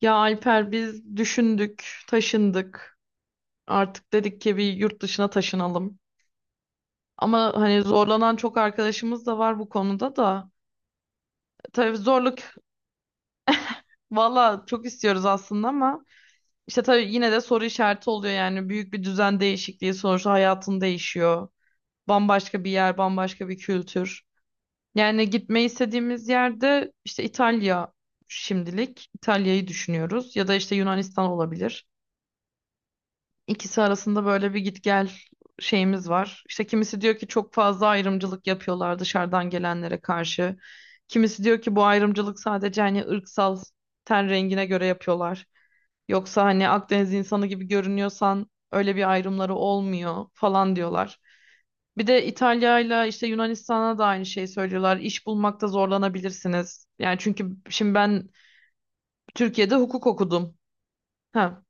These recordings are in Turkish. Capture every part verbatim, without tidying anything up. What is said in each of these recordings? Ya Alper biz düşündük, taşındık. Artık dedik ki bir yurt dışına taşınalım. Ama hani zorlanan çok arkadaşımız da var bu konuda da. Tabii zorluk valla çok istiyoruz aslında ama işte tabii yine de soru işareti oluyor yani büyük bir düzen değişikliği sonuçta hayatın değişiyor. Bambaşka bir yer, bambaşka bir kültür. Yani gitmeyi istediğimiz yerde işte İtalya şimdilik. İtalya'yı düşünüyoruz ya da işte Yunanistan olabilir. İkisi arasında böyle bir git gel şeyimiz var. İşte kimisi diyor ki çok fazla ayrımcılık yapıyorlar dışarıdan gelenlere karşı. Kimisi diyor ki bu ayrımcılık sadece hani ırksal ten rengine göre yapıyorlar. Yoksa hani Akdeniz insanı gibi görünüyorsan öyle bir ayrımları olmuyor falan diyorlar. Bir de İtalya'yla işte Yunanistan'a da aynı şeyi söylüyorlar. İş bulmakta zorlanabilirsiniz. Yani çünkü şimdi ben Türkiye'de hukuk okudum. Ha.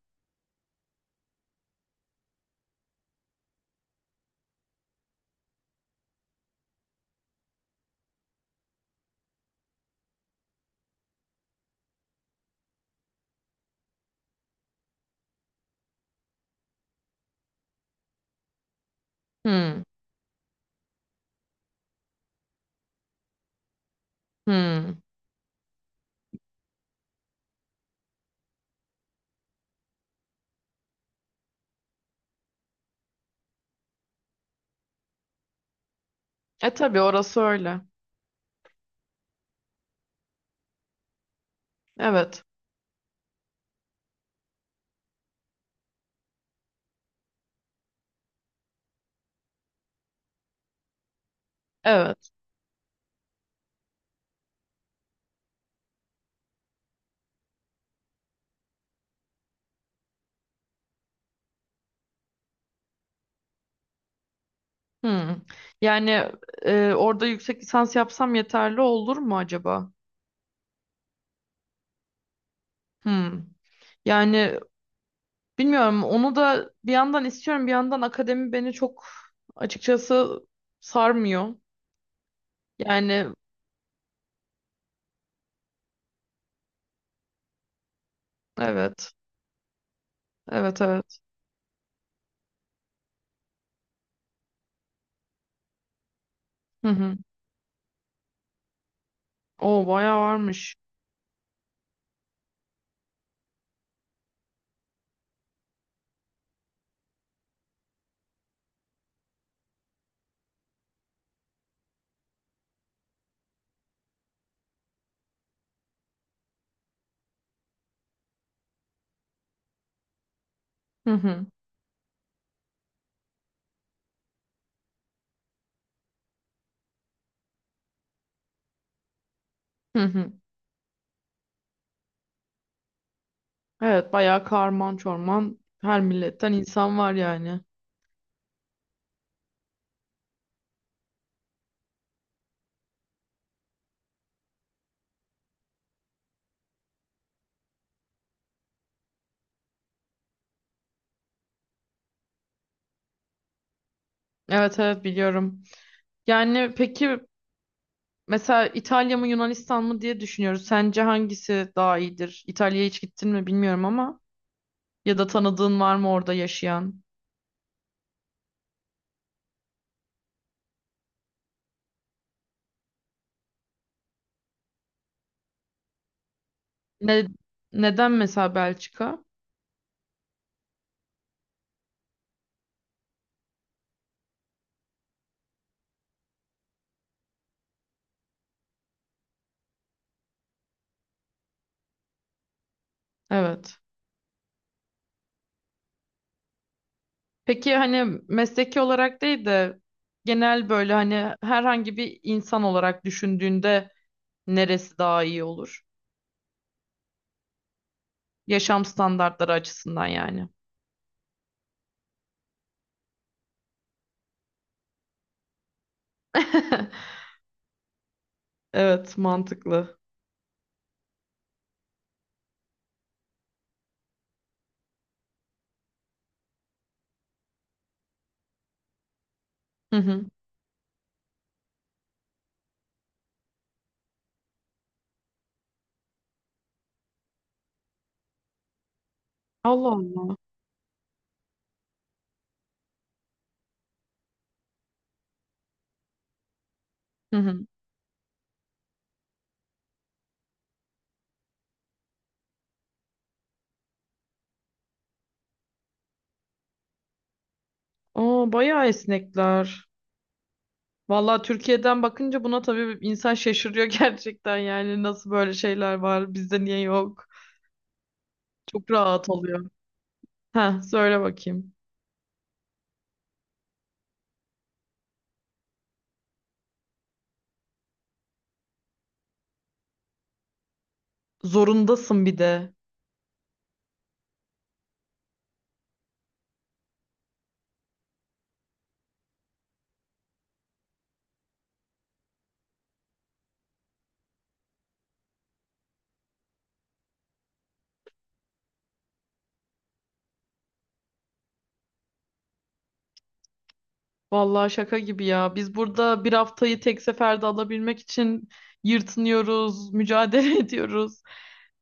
Hmm. Hmm. E tabii orası öyle. Evet. Evet. Hmm. Yani e, orada yüksek lisans yapsam yeterli olur mu acaba? Hmm. Yani bilmiyorum. Onu da bir yandan istiyorum, bir yandan akademi beni çok açıkçası sarmıyor. Yani evet. Evet, evet. Hı hı. O bayağı varmış. Hı hı. Hı hı. Evet, bayağı karman çorman her milletten insan var yani. Evet, evet biliyorum. Yani peki, mesela İtalya mı Yunanistan mı diye düşünüyoruz. Sence hangisi daha iyidir? İtalya'ya hiç gittin mi bilmiyorum ama ya da tanıdığın var mı orada yaşayan? Ne, neden mesela Belçika? Evet. Peki hani mesleki olarak değil de genel böyle hani herhangi bir insan olarak düşündüğünde neresi daha iyi olur? Yaşam standartları açısından yani. Evet, mantıklı. Hı hı. Allah Allah. Hı hı. Aa, bayağı esnekler. Vallahi Türkiye'den bakınca buna tabii insan şaşırıyor gerçekten yani nasıl böyle şeyler var bizde niye yok. Çok rahat oluyor. Ha söyle bakayım. Zorundasın bir de. Vallahi şaka gibi ya. Biz burada bir haftayı tek seferde alabilmek için yırtınıyoruz, mücadele ediyoruz.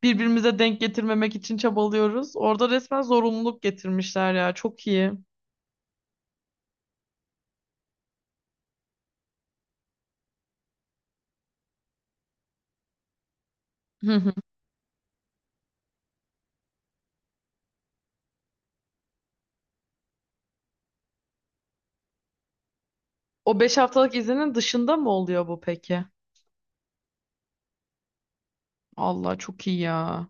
Birbirimize denk getirmemek için çabalıyoruz. Orada resmen zorunluluk getirmişler ya. Çok iyi. O beş haftalık izinin dışında mı oluyor bu peki? Allah çok iyi ya.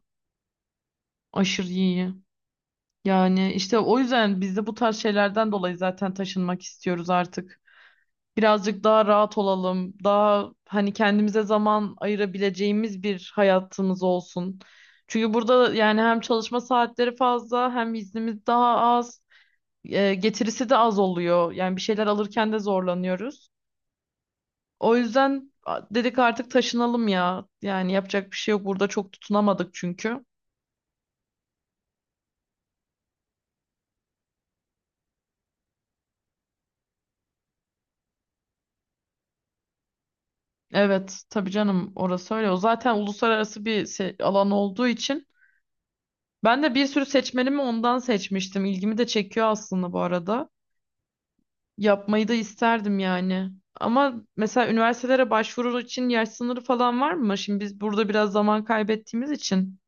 Aşırı iyi. Yani işte o yüzden biz de bu tarz şeylerden dolayı zaten taşınmak istiyoruz artık. Birazcık daha rahat olalım. Daha hani kendimize zaman ayırabileceğimiz bir hayatımız olsun. Çünkü burada yani hem çalışma saatleri fazla hem iznimiz daha az. E, getirisi de az oluyor. Yani bir şeyler alırken de zorlanıyoruz. O yüzden a- dedik artık taşınalım ya. Yani yapacak bir şey yok. Burada çok tutunamadık çünkü. Evet, tabii canım orası öyle. O zaten uluslararası bir se- alan olduğu için ben de bir sürü seçmenimi ondan seçmiştim. İlgimi de çekiyor aslında bu arada. Yapmayı da isterdim yani. Ama mesela üniversitelere başvuru için yaş sınırı falan var mı? Şimdi biz burada biraz zaman kaybettiğimiz için.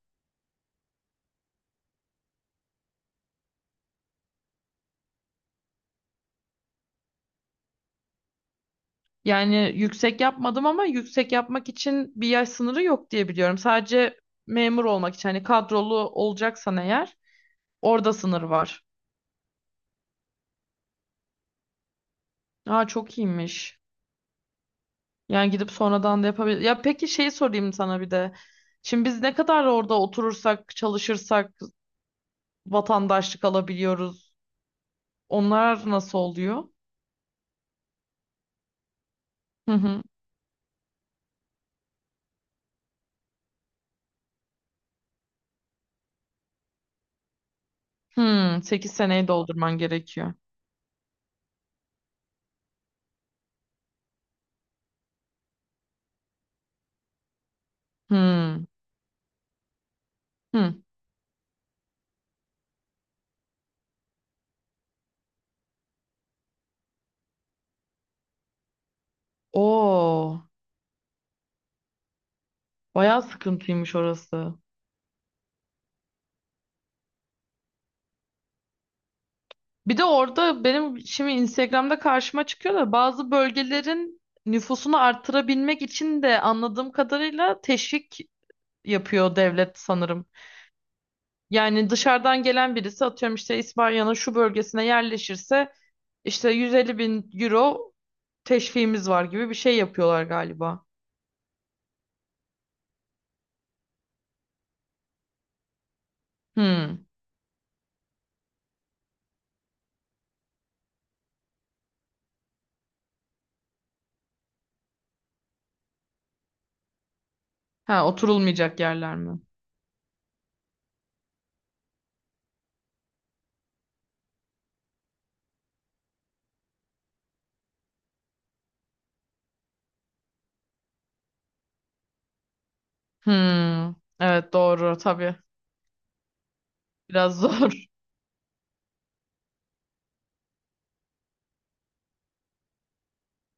Yani yüksek yapmadım ama yüksek yapmak için bir yaş sınırı yok diye biliyorum. Sadece memur olmak için hani kadrolu olacaksan eğer orada sınır var. Aa çok iyiymiş. Yani gidip sonradan da yapabilir. Ya peki şeyi sorayım sana bir de. Şimdi biz ne kadar orada oturursak, çalışırsak vatandaşlık alabiliyoruz. Onlar nasıl oluyor? Hı hı. Hmm, sekiz seneyi doldurman gerekiyor. Hmm. Hmm. Oo, bayağı sıkıntıymış orası. Bir de orada benim şimdi Instagram'da karşıma çıkıyor da bazı bölgelerin nüfusunu artırabilmek için de anladığım kadarıyla teşvik yapıyor devlet sanırım. Yani dışarıdan gelen birisi atıyorum işte İspanya'nın şu bölgesine yerleşirse işte yüz elli bin euro teşviğimiz var gibi bir şey yapıyorlar galiba. Hmm. Ha oturulmayacak yerler mi? Hmm. Evet doğru tabii. Biraz zor.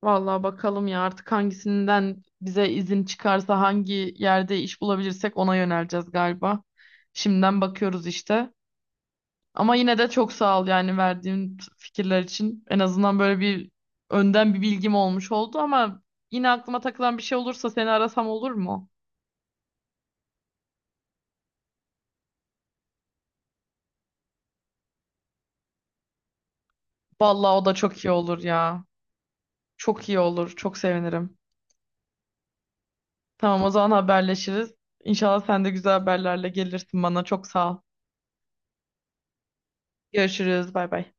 Vallahi bakalım ya artık hangisinden bize izin çıkarsa hangi yerde iş bulabilirsek ona yöneleceğiz galiba. Şimdiden bakıyoruz işte. Ama yine de çok sağ ol yani verdiğin fikirler için. En azından böyle bir önden bir bilgim olmuş oldu ama yine aklıma takılan bir şey olursa seni arasam olur mu? Vallahi o da çok iyi olur ya. Çok iyi olur. Çok sevinirim. Tamam o zaman haberleşiriz. İnşallah sen de güzel haberlerle gelirsin bana. Çok sağ ol. Görüşürüz. Bay bay.